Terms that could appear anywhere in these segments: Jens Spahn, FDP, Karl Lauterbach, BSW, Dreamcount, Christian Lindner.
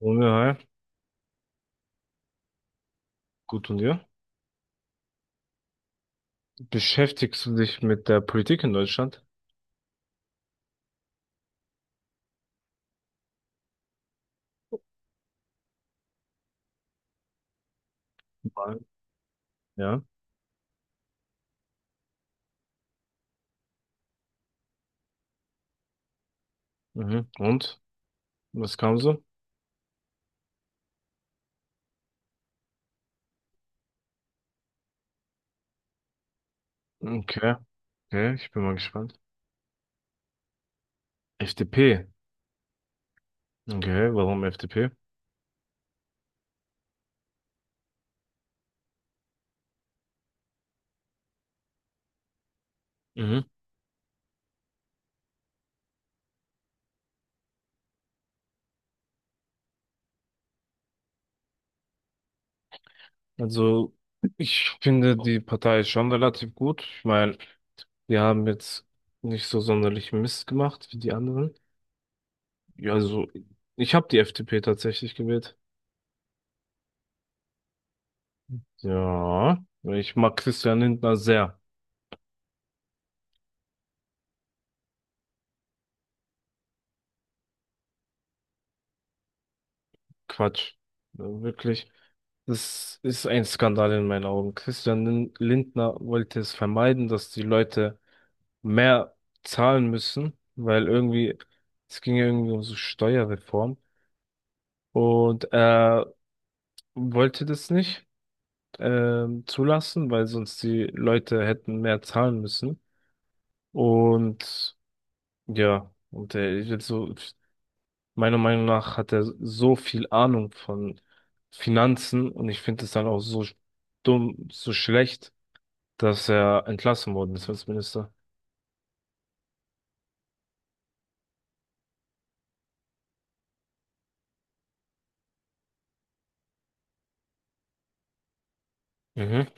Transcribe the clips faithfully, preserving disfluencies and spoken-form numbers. Junge, hi. Gut und dir? Beschäftigst du dich mit der Politik in Deutschland? Nein. Ja. Mhm. Und? Was kam so? Okay. Okay, ich bin mal gespannt. F D P. Okay, warum F D P? Mhm. Also, ich finde die Partei ist schon relativ gut. Ich meine, die haben jetzt nicht so sonderlich Mist gemacht wie die anderen. Ja, also, ich habe die F D P tatsächlich gewählt. Ja, ich mag Christian Lindner sehr. Quatsch. Wirklich. Das ist ein Skandal in meinen Augen. Christian Lin- Lindner wollte es vermeiden, dass die Leute mehr zahlen müssen, weil irgendwie, es ging ja irgendwie um so Steuerreform und er wollte das nicht ähm, zulassen, weil sonst die Leute hätten mehr zahlen müssen. Und ja, und er ist jetzt so, meiner Meinung nach hat er so viel Ahnung von Finanzen und ich finde es dann auch so dumm, so schlecht, dass er entlassen worden ist als Minister. Mhm.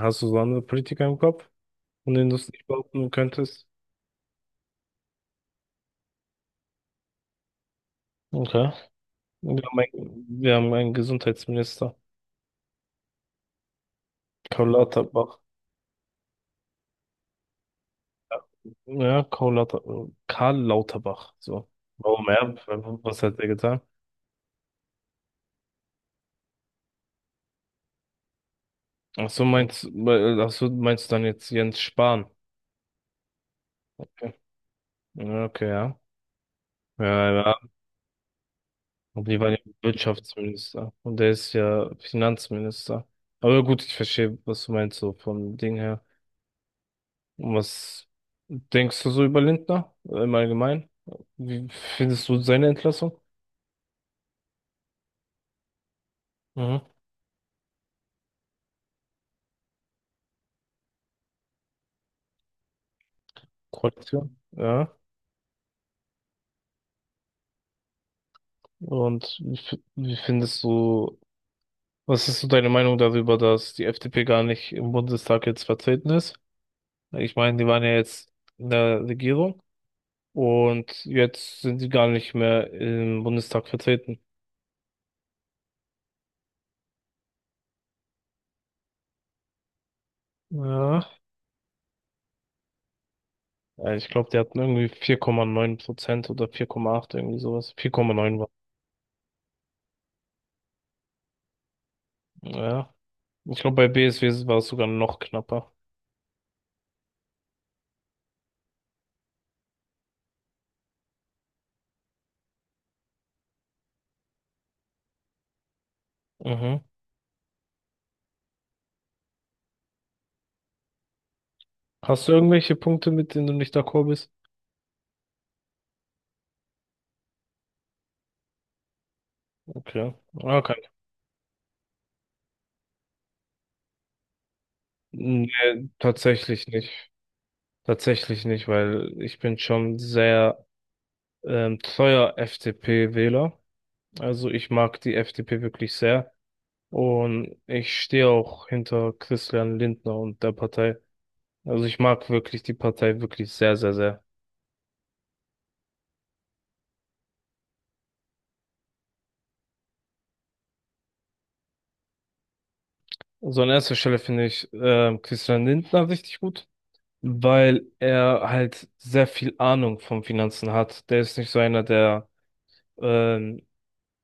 Hast du so andere Politiker im Kopf, von denen du es nicht behaupten könntest? Okay. Wir haben einen, wir haben einen Gesundheitsminister, Karl Lauterbach. Ja, Karl Lauter, Karl Lauterbach. So. Warum er? Was hat er getan? Ach so, meinst, weil- ach so, meinst du dann jetzt Jens Spahn? Okay, ja. Okay, ja. Ja, ja. Und die war ja Wirtschaftsminister. Und der ist ja Finanzminister. Aber gut, ich verstehe, was du meinst, so vom Ding her. Was denkst du so über Lindner im Allgemeinen? Wie findest du seine Entlassung? Mhm. Koalition. Ja. Und wie, f- wie findest du, was ist so deine Meinung darüber, dass die F D P gar nicht im Bundestag jetzt vertreten ist? Ich meine, die waren ja jetzt in der Regierung und jetzt sind die gar nicht mehr im Bundestag vertreten. Ja. Ja, ich glaube, die hatten irgendwie vier Komma neun Prozent oder vier Komma acht, irgendwie sowas. Vier Komma neun war. Ja. Ich glaube, bei B S W war es sogar noch knapper. Mhm. Hast du irgendwelche Punkte, mit denen du nicht d'accord bist? Okay. Okay. Nee, tatsächlich nicht. Tatsächlich nicht, weil ich bin schon sehr ähm, treuer F D P-Wähler. Also ich mag die F D P wirklich sehr. Und ich stehe auch hinter Christian Lindner und der Partei. Also ich mag wirklich die Partei wirklich sehr, sehr, sehr. So an erster Stelle finde ich ähm, Christian Lindner richtig gut, weil er halt sehr viel Ahnung vom Finanzen hat. Der ist nicht so einer, der ähm,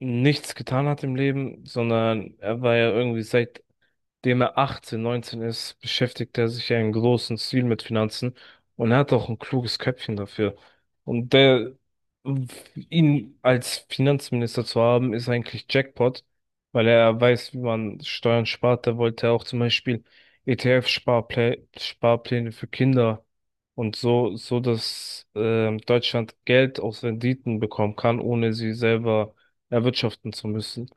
nichts getan hat im Leben, sondern er war ja irgendwie, seit dem er achtzehn, neunzehn ist, beschäftigt er sich ja in großem Stil mit Finanzen und er hat auch ein kluges Köpfchen dafür. Und der, ihn als Finanzminister zu haben, ist eigentlich Jackpot, weil er weiß, wie man Steuern spart. Da wollte er auch zum Beispiel E T F-Sparpläne, Sparpläne für Kinder und so, so dass ähm, Deutschland Geld aus Renditen bekommen kann, ohne sie selber erwirtschaften zu müssen.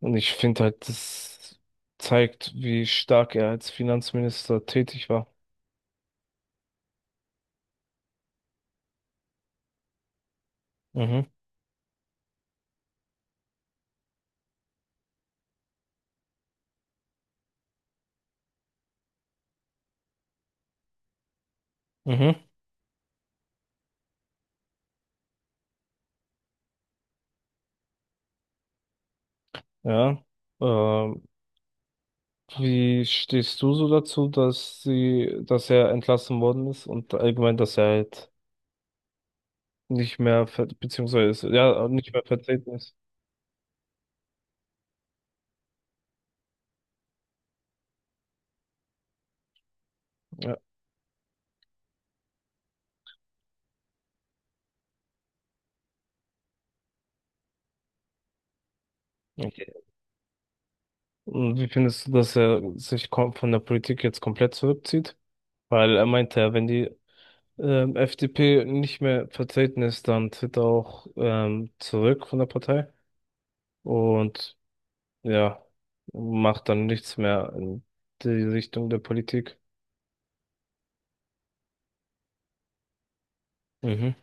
Und ich finde halt, das zeigt, wie stark er als Finanzminister tätig war. Mhm, mhm, ja. Ähm, Wie stehst du so dazu, dass sie, dass er entlassen worden ist und allgemein, dass er halt nicht mehr, ver- beziehungsweise, ist, ja, nicht mehr vertreten ist? Ja. Okay. Und wie findest du, dass er sich kom- von der Politik jetzt komplett zurückzieht? Weil er meinte ja, wenn die ähm, F D P nicht mehr vertreten ist, dann tritt er auch ähm, zurück von der Partei und ja, macht dann nichts mehr in die Richtung der Politik. Mhm.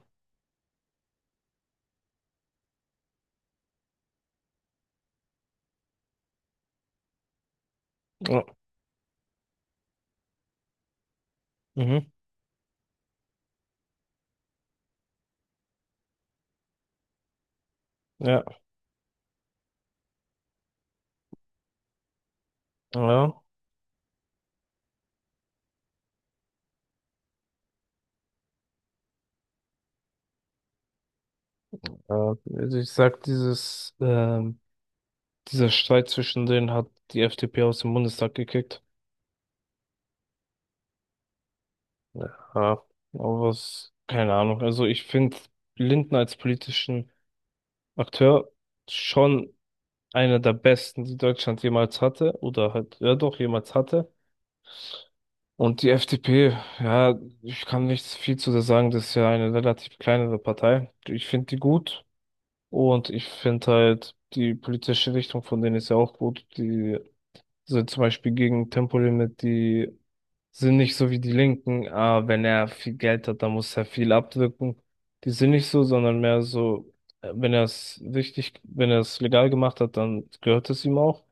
Ja. Mhm. Ja. Ja. Äh, Also ich sag, dieses, ähm, dieser Streit zwischen denen hat die F D P aus dem Bundestag gekickt. Ja. Aber was, keine Ahnung. Also ich finde Lindner als politischen Akteur schon einer der besten, die Deutschland jemals hatte, oder halt, ja doch, jemals hatte. Und die F D P, ja, ich kann nicht viel zu der sagen, das ist ja eine relativ kleinere Partei. Ich finde die gut und ich finde halt die politische Richtung von denen ist ja auch gut. Die sind zum Beispiel gegen Tempolimit, die sind nicht so wie die Linken. Ah, wenn er viel Geld hat, dann muss er viel abdrücken. Die sind nicht so, sondern mehr so, äh, wenn er es richtig, wenn er es legal gemacht hat, dann gehört es ihm auch.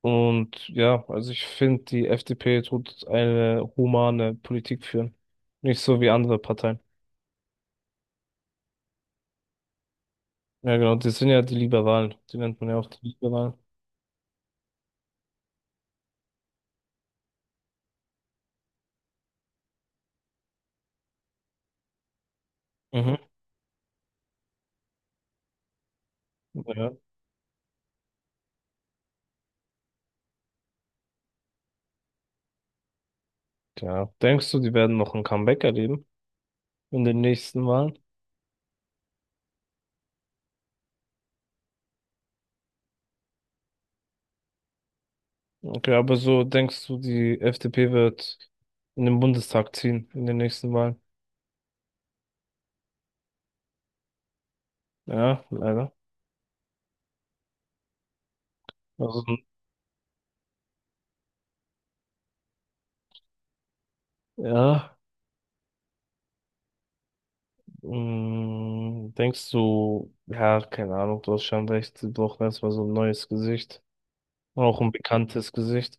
Und ja, also ich finde, die F D P tut eine humane Politik führen. Nicht so wie andere Parteien. Ja, genau, das sind ja die Liberalen. Die nennt man ja auch die Liberalen. Mhm. Ja. Ja. Denkst du, die werden noch ein Comeback erleben in den nächsten Wahlen? Okay, aber so denkst du, die F D P wird in den Bundestag ziehen in den nächsten Wahlen? Ja, leider. Also, ja. Mm, denkst du, ja, keine Ahnung, du hast schon recht, sie brauchen erstmal so ein neues Gesicht. Auch ein bekanntes Gesicht.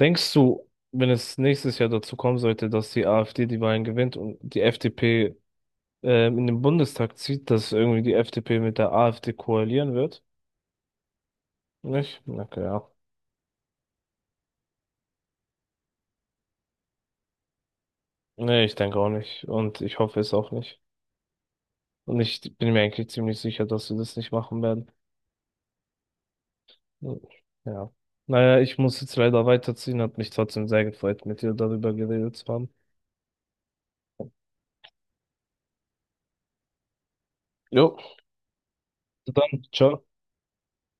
Denkst du, wenn es nächstes Jahr dazu kommen sollte, dass die AfD die Wahlen gewinnt und die F D P ähm, in den Bundestag zieht, dass irgendwie die F D P mit der AfD koalieren wird? Nicht? Okay, ja. Nee, ich denke auch nicht. Und ich hoffe es auch nicht. Und ich bin mir eigentlich ziemlich sicher, dass sie das nicht machen werden. Ja. Naja, ich muss jetzt leider weiterziehen. Hat mich trotzdem sehr gefreut, mit dir darüber geredet zu haben. Jo. Dann, ciao.